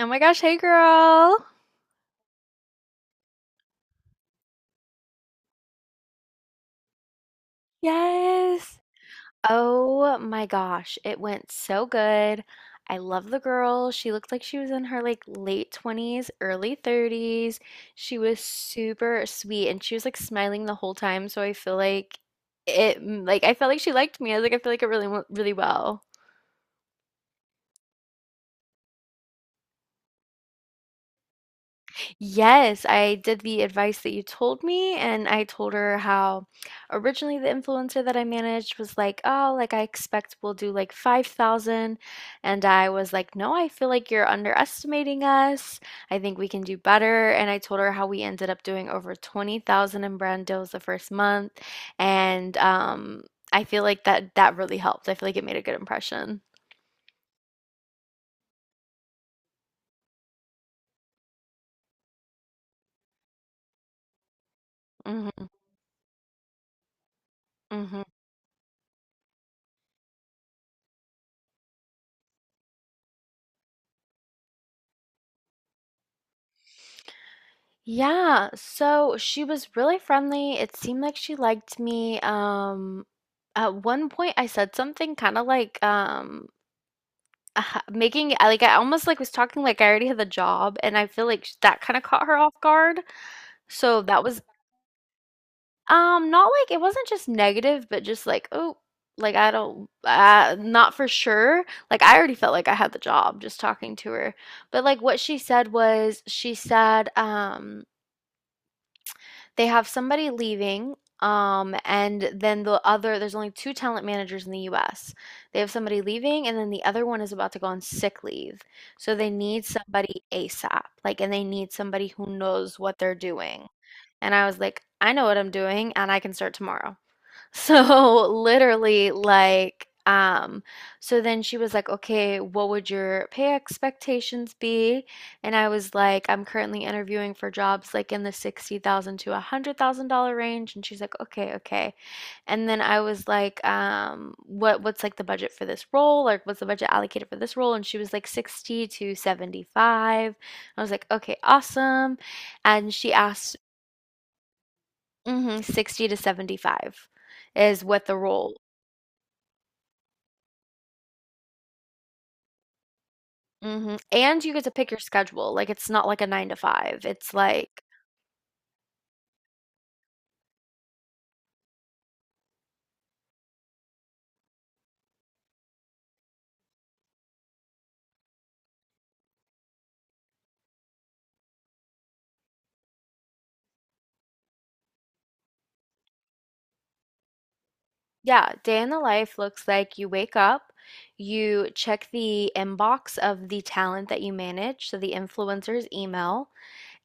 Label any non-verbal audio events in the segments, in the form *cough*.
Oh my gosh, hey girl. Yes. Oh my gosh, it went so good. I love the girl. She looked like she was in her like late 20s, early 30s. She was super sweet and she was like smiling the whole time, so I feel like it like I felt like she liked me. I was like I feel like it really went really well. Yes, I did the advice that you told me, and I told her how originally the influencer that I managed was like, "Oh, like I expect we'll do like 5,000," and I was like, "No, I feel like you're underestimating us. I think we can do better." And I told her how we ended up doing over 20,000 in brand deals the first month, and I feel like that really helped. I feel like it made a good impression. Hmm. Hmm. Yeah, so she was really friendly. It seemed like she liked me. At one point, I said something kind of like *laughs* making like I almost like was talking like I already had the job, and I feel like that kind of caught her off guard. So that was not like it wasn't just negative, but just like oh, like I don't, not for sure. Like I already felt like I had the job just talking to her, but like what she said was she said they have somebody leaving, and then the other, there's only two talent managers in the US. They have somebody leaving, and then the other one is about to go on sick leave. So they need somebody ASAP, like, and they need somebody who knows what they're doing. And I was like, I know what I'm doing, and I can start tomorrow. So *laughs* literally like so then she was like, "Okay, what would your pay expectations be?" And I was like, "I'm currently interviewing for jobs like in the 60,000 to a $100,000 range." And she's like, "Okay, okay." And then I was like, what's like the budget for this role? Like what's the budget allocated for this role? And she was like 60 to 75. I was like, "Okay, awesome." And she asked, 60 to 75 is what the role. Mhm, and you get to pick your schedule, like, it's not like a 9 to 5, it's like yeah, day in the life looks like you wake up, you check the inbox of the talent that you manage, so the influencer's email.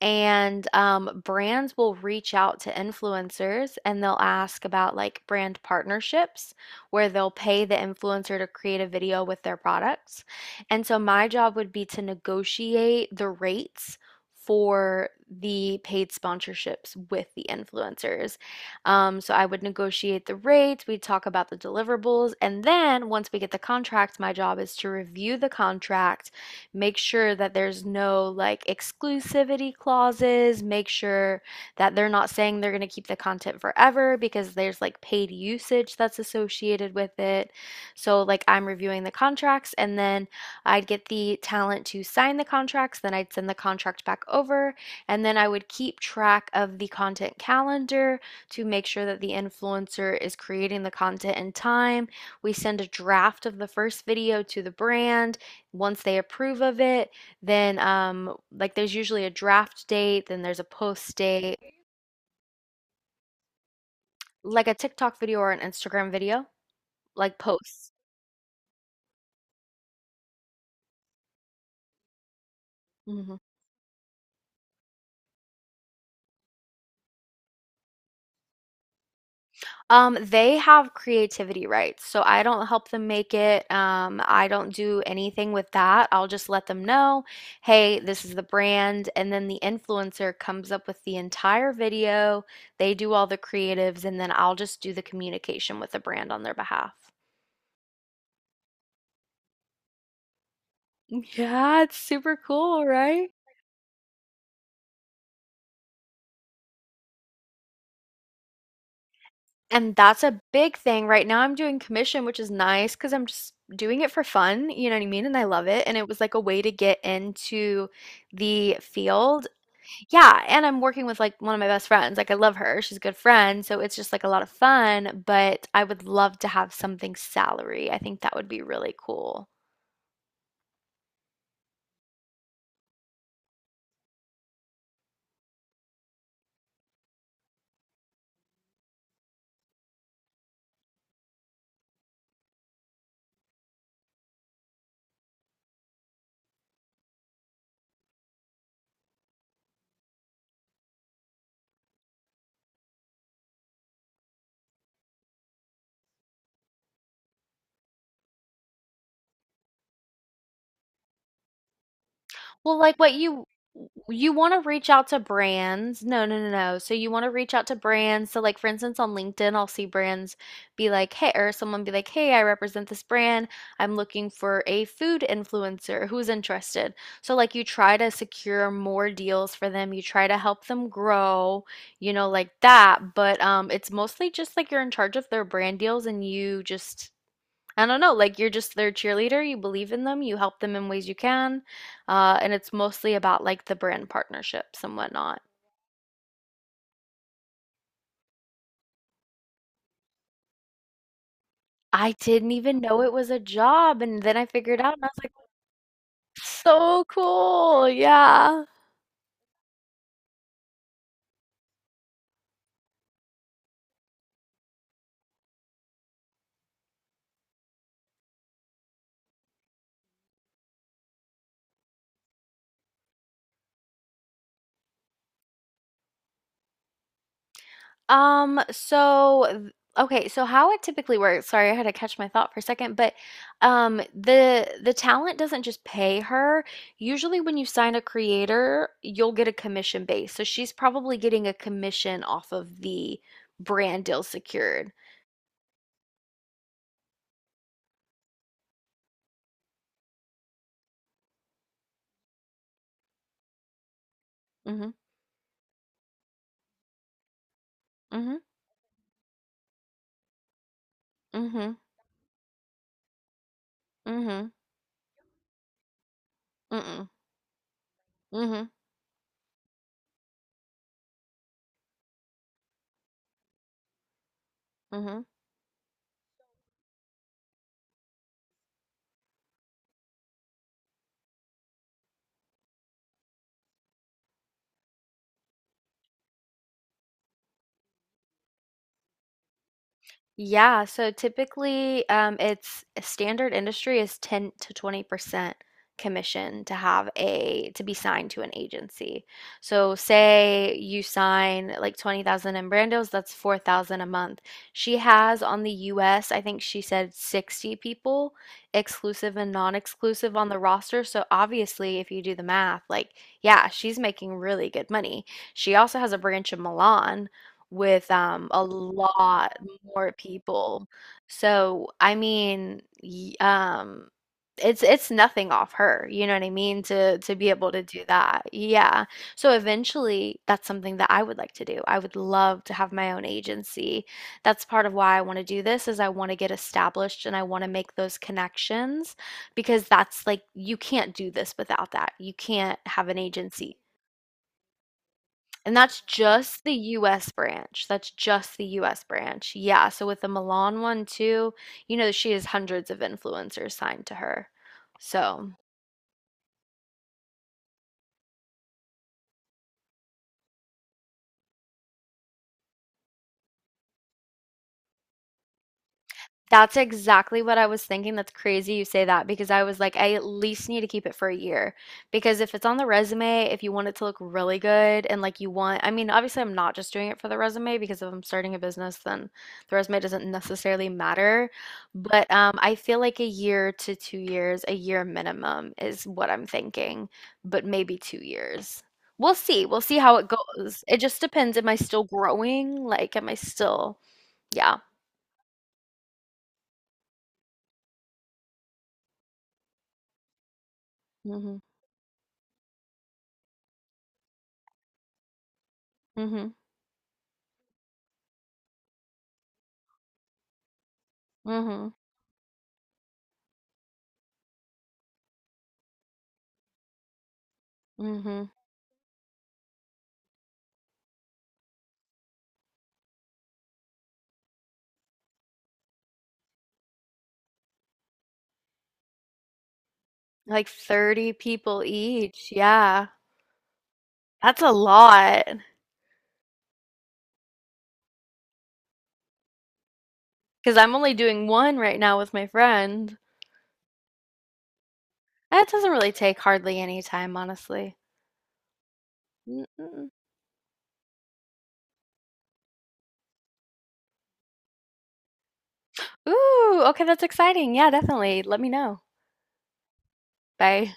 And brands will reach out to influencers and they'll ask about like brand partnerships where they'll pay the influencer to create a video with their products. And so my job would be to negotiate the rates for the paid sponsorships with the influencers. So I would negotiate the rates, we'd talk about the deliverables, and then once we get the contract, my job is to review the contract, make sure that there's no like exclusivity clauses, make sure that they're not saying they're going to keep the content forever because there's like paid usage that's associated with it. So, like, I'm reviewing the contracts and then I'd get the talent to sign the contracts, then I'd send the contract back over, and then I would keep track of the content calendar to make sure that the influencer is creating the content in time. We send a draft of the first video to the brand, once they approve of it, then like there's usually a draft date, then there's a post date, like a TikTok video or an Instagram video, like posts. Mhm. They have creativity rights, so I don't help them make it. I don't do anything with that. I'll just let them know, hey, this is the brand, and then the influencer comes up with the entire video. They do all the creatives, and then I'll just do the communication with the brand on their behalf. Yeah, it's super cool, right? And that's a big thing. Right now I'm doing commission, which is nice because 'cause I'm just doing it for fun, you know what I mean? And I love it. And it was like a way to get into the field. Yeah, and I'm working with like one of my best friends. Like I love her. She's a good friend, so it's just like a lot of fun, but I would love to have something salary. I think that would be really cool. Well, like what you want to reach out to brands. No, no, no, no. So you want to reach out to brands. So like for instance on LinkedIn, I'll see brands be like, "Hey," or someone be like, "Hey, I represent this brand. I'm looking for a food influencer who's interested." So like you try to secure more deals for them. You try to help them grow, you know, like that, but it's mostly just like you're in charge of their brand deals, and you just I don't know, like you're just their cheerleader, you believe in them, you help them in ways you can. And it's mostly about like the brand partnerships and whatnot. I didn't even know it was a job. And then I figured out and I was like, so cool. Yeah. So th Okay, so how it typically works, sorry, I had to catch my thought for a second, but, the talent doesn't just pay her. Usually when you sign a creator, you'll get a commission base, so she's probably getting a commission off of the brand deal secured. Mhm, mhm, mhm, mhm, mm, mhm, mhm. Yeah, so typically, it's standard industry is 10 to 20% commission to have a to be signed to an agency. So say you sign like 20,000 in Brando's, that's 4,000 a month. She has on the US, I think she said 60 people, exclusive and non-exclusive on the roster. So obviously, if you do the math, like yeah, she's making really good money. She also has a branch in Milan with, a lot more people. So, I mean, y it's nothing off her, you know what I mean, to be able to do that. Yeah. So eventually, that's something that I would like to do. I would love to have my own agency. That's part of why I want to do this is I want to get established and I want to make those connections because that's like you can't do this without that. You can't have an agency. And that's just the US branch. That's just the US branch. Yeah. So with the Milan one too, you know, she has hundreds of influencers signed to her. So. That's exactly what I was thinking. That's crazy you say that because I was like, I at least need to keep it for a year. Because if it's on the resume, if you want it to look really good and like you want, I mean, obviously, I'm not just doing it for the resume because if I'm starting a business, then the resume doesn't necessarily matter. But I feel like a year to 2 years, a year minimum is what I'm thinking, but maybe 2 years. We'll see. We'll see how it goes. It just depends. Am I still growing? Like, am I still, yeah. Hmm. Hmm. Hmm. Mhm. Like 30 people each. Yeah. That's a lot. Because I'm only doing one right now with my friend. That doesn't really take hardly any time, honestly. Mm-mm. Ooh, okay, that's exciting. Yeah, definitely. Let me know. Bye.